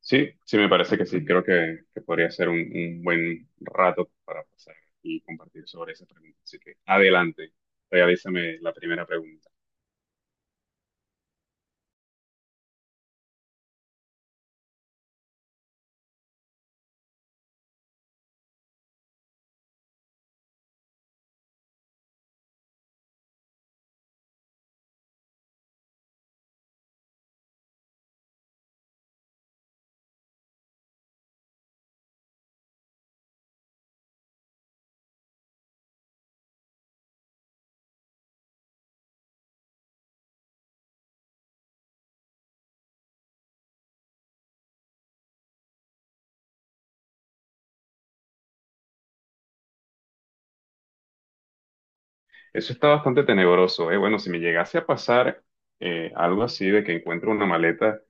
Sí, sí, me parece que sí. Creo que podría ser un buen rato para pasar y compartir sobre esa pregunta. Así que adelante, realízame la primera pregunta. Eso está bastante tenebroso, ¿eh? Bueno, si me llegase a pasar algo así de que encuentro una maleta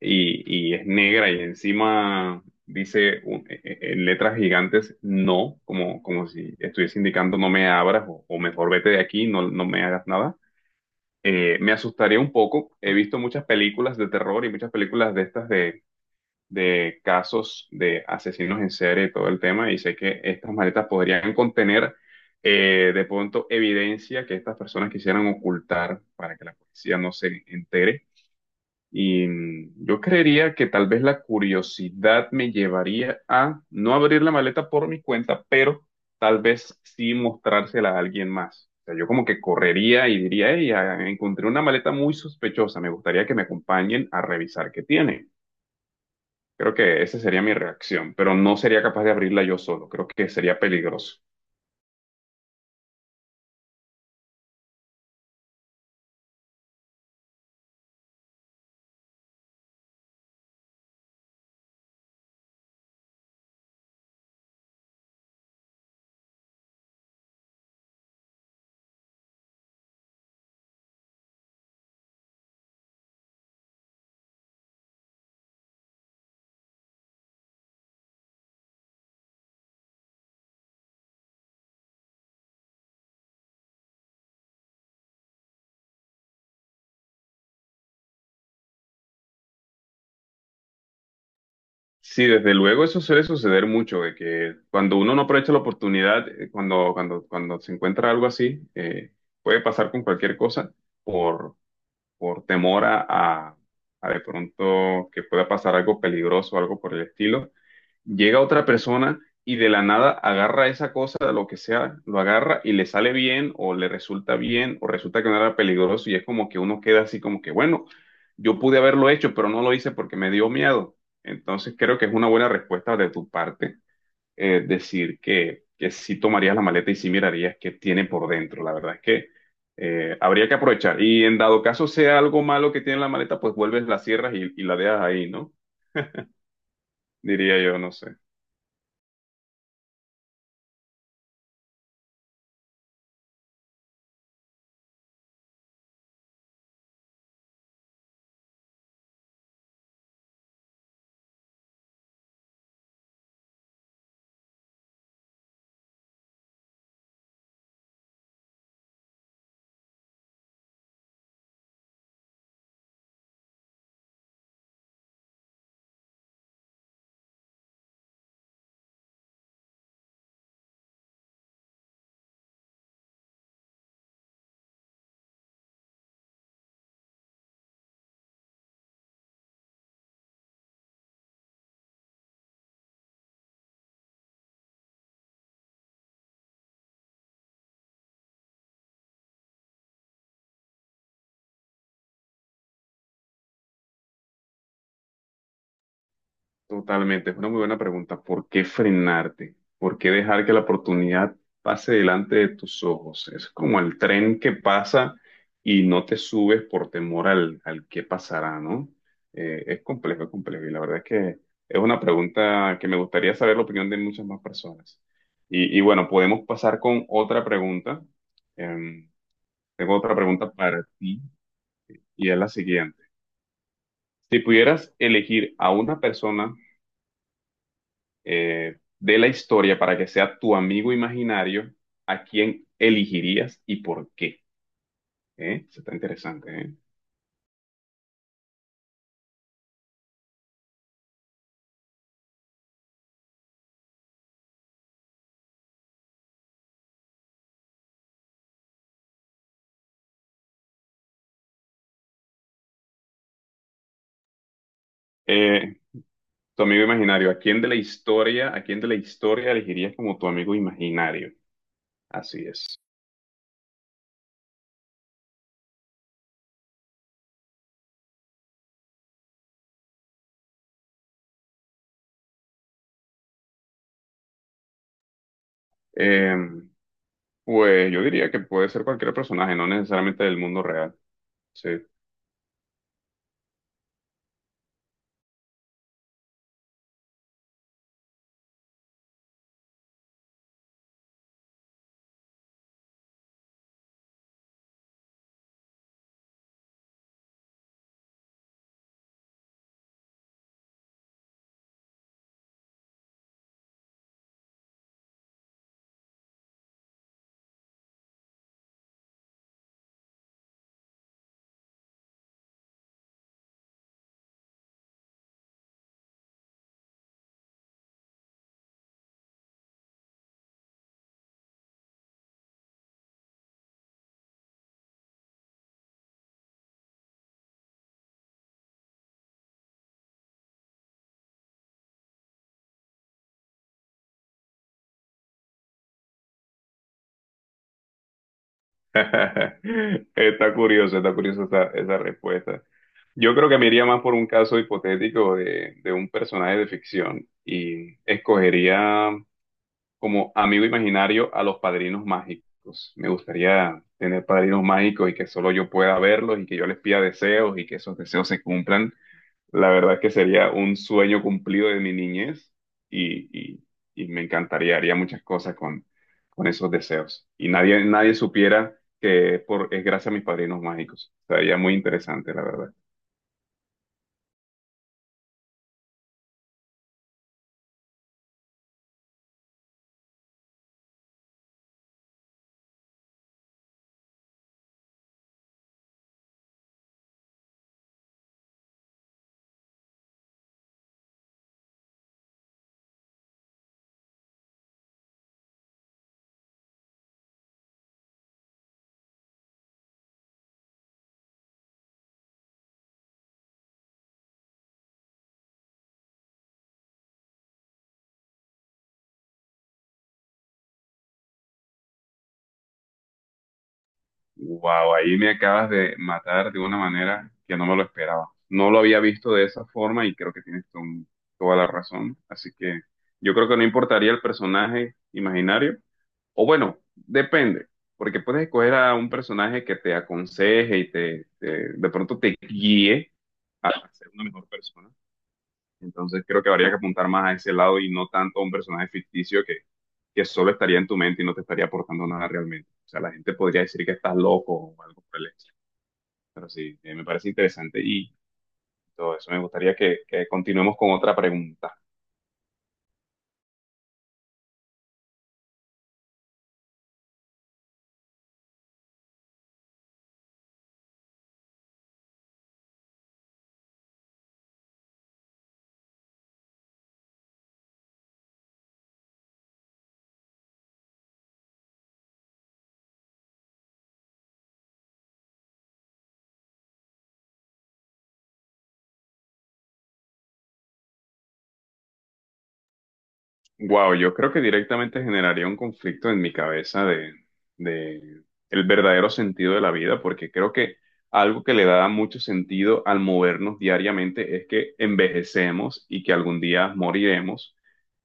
y es negra y encima dice en letras gigantes no, como, como si estuviese indicando no me abras o mejor vete de aquí, no, no me hagas nada. Me asustaría un poco. He visto muchas películas de terror y muchas películas de estas de casos de asesinos en serie y todo el tema, y sé que estas maletas podrían contener de pronto evidencia que estas personas quisieran ocultar para que la policía no se entere. Y yo creería que tal vez la curiosidad me llevaría a no abrir la maleta por mi cuenta, pero tal vez sí mostrársela a alguien más. O sea, yo como que correría y diría, hey, ah, encontré una maleta muy sospechosa, me gustaría que me acompañen a revisar qué tiene. Creo que esa sería mi reacción, pero no sería capaz de abrirla yo solo, creo que sería peligroso. Sí, desde luego eso suele suceder mucho, de que cuando uno no aprovecha la oportunidad, cuando se encuentra algo así, puede pasar con cualquier cosa por, por temor a de pronto que pueda pasar algo peligroso, algo por el estilo. Llega otra persona y de la nada agarra esa cosa, lo que sea, lo agarra y le sale bien o le resulta bien o resulta que no era peligroso y es como que uno queda así como que, bueno, yo pude haberlo hecho, pero no lo hice porque me dio miedo. Entonces creo que es una buena respuesta de tu parte. Decir que sí tomarías la maleta y sí mirarías qué tiene por dentro. La verdad es que habría que aprovechar. Y en dado caso sea algo malo que tiene la maleta, pues vuelves, la cierras y la dejas ahí, ¿no? Diría yo, no sé. Totalmente, es una muy buena pregunta. ¿Por qué frenarte? ¿Por qué dejar que la oportunidad pase delante de tus ojos? Es como el tren que pasa y no te subes por temor al, al qué pasará, ¿no? Es complejo, es complejo. Y la verdad es que es una pregunta que me gustaría saber la opinión de muchas más personas. Y bueno, podemos pasar con otra pregunta. Em, Tengo otra pregunta para ti y es la siguiente. Si pudieras elegir a una persona de la historia para que sea tu amigo imaginario, ¿a quién elegirías y por qué? ¿Eh? Eso está interesante, ¿eh? Eh, Tu amigo imaginario, ¿a quién de la historia, a quién de la historia elegirías como tu amigo imaginario? Así es. Eh, pues yo diría que puede ser cualquier personaje, no necesariamente del mundo real. Sí. Está curioso, está curiosa esa, esa respuesta. Yo creo que me iría más por un caso hipotético de un personaje de ficción y escogería como amigo imaginario a los padrinos mágicos. Me gustaría tener padrinos mágicos y que solo yo pueda verlos y que yo les pida deseos y que esos deseos se cumplan. La verdad es que sería un sueño cumplido de mi niñez y, y- y me encantaría, haría muchas cosas con esos deseos. Y nadie, nadie supiera que es por, es gracias a mis padrinos mágicos. Sería muy interesante, la verdad. Wow, ahí me acabas de matar de una manera que no me lo esperaba. No lo había visto de esa forma y creo que tienes toda la razón. Así que yo creo que no importaría el personaje imaginario. O bueno, depende, porque puedes escoger a un personaje que te aconseje y de pronto te guíe a ser una mejor persona. Entonces creo que habría que apuntar más a ese lado y no tanto a un personaje ficticio que solo estaría en tu mente y no te estaría aportando nada realmente. O sea, la gente podría decir que estás loco o algo por el estilo. Pero sí, me parece interesante y todo eso. Me gustaría que continuemos con otra pregunta. Wow, yo creo que directamente generaría un conflicto en mi cabeza de el verdadero sentido de la vida, porque creo que algo que le da mucho sentido al movernos diariamente es que envejecemos y que algún día moriremos,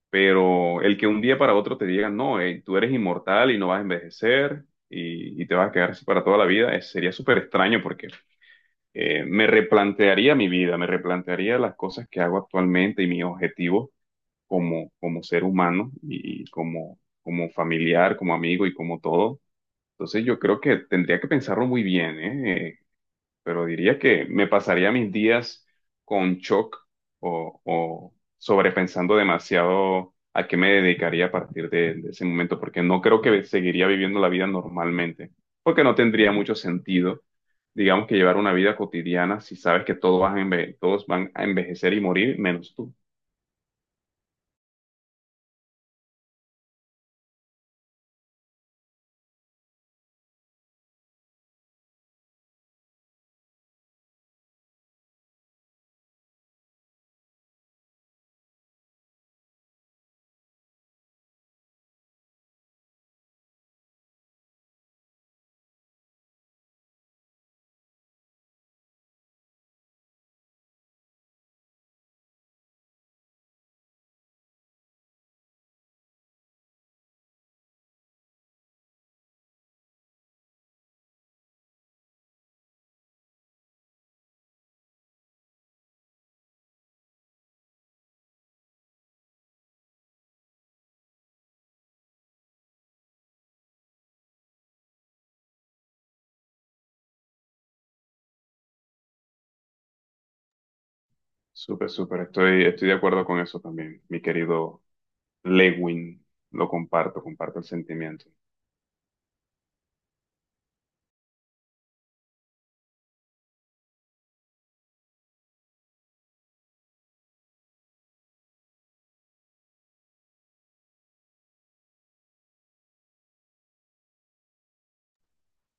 pero el que un día para otro te digan, no, tú eres inmortal y no vas a envejecer y te vas a quedar así para toda la vida. Sería súper extraño porque me replantearía mi vida, me replantearía las cosas que hago actualmente y mis objetivos como, como ser humano y como, como familiar, como amigo y como todo. Entonces yo creo que tendría que pensarlo muy bien, ¿eh? Pero diría que me pasaría mis días con shock o sobrepensando demasiado a qué me dedicaría a partir de ese momento, porque no creo que seguiría viviendo la vida normalmente, porque no tendría mucho sentido, digamos, que llevar una vida cotidiana si sabes que todos van a todos van a envejecer y morir, menos tú. Súper, súper. Estoy, estoy de acuerdo con eso también, mi querido Lewin. Lo comparto, comparto el sentimiento.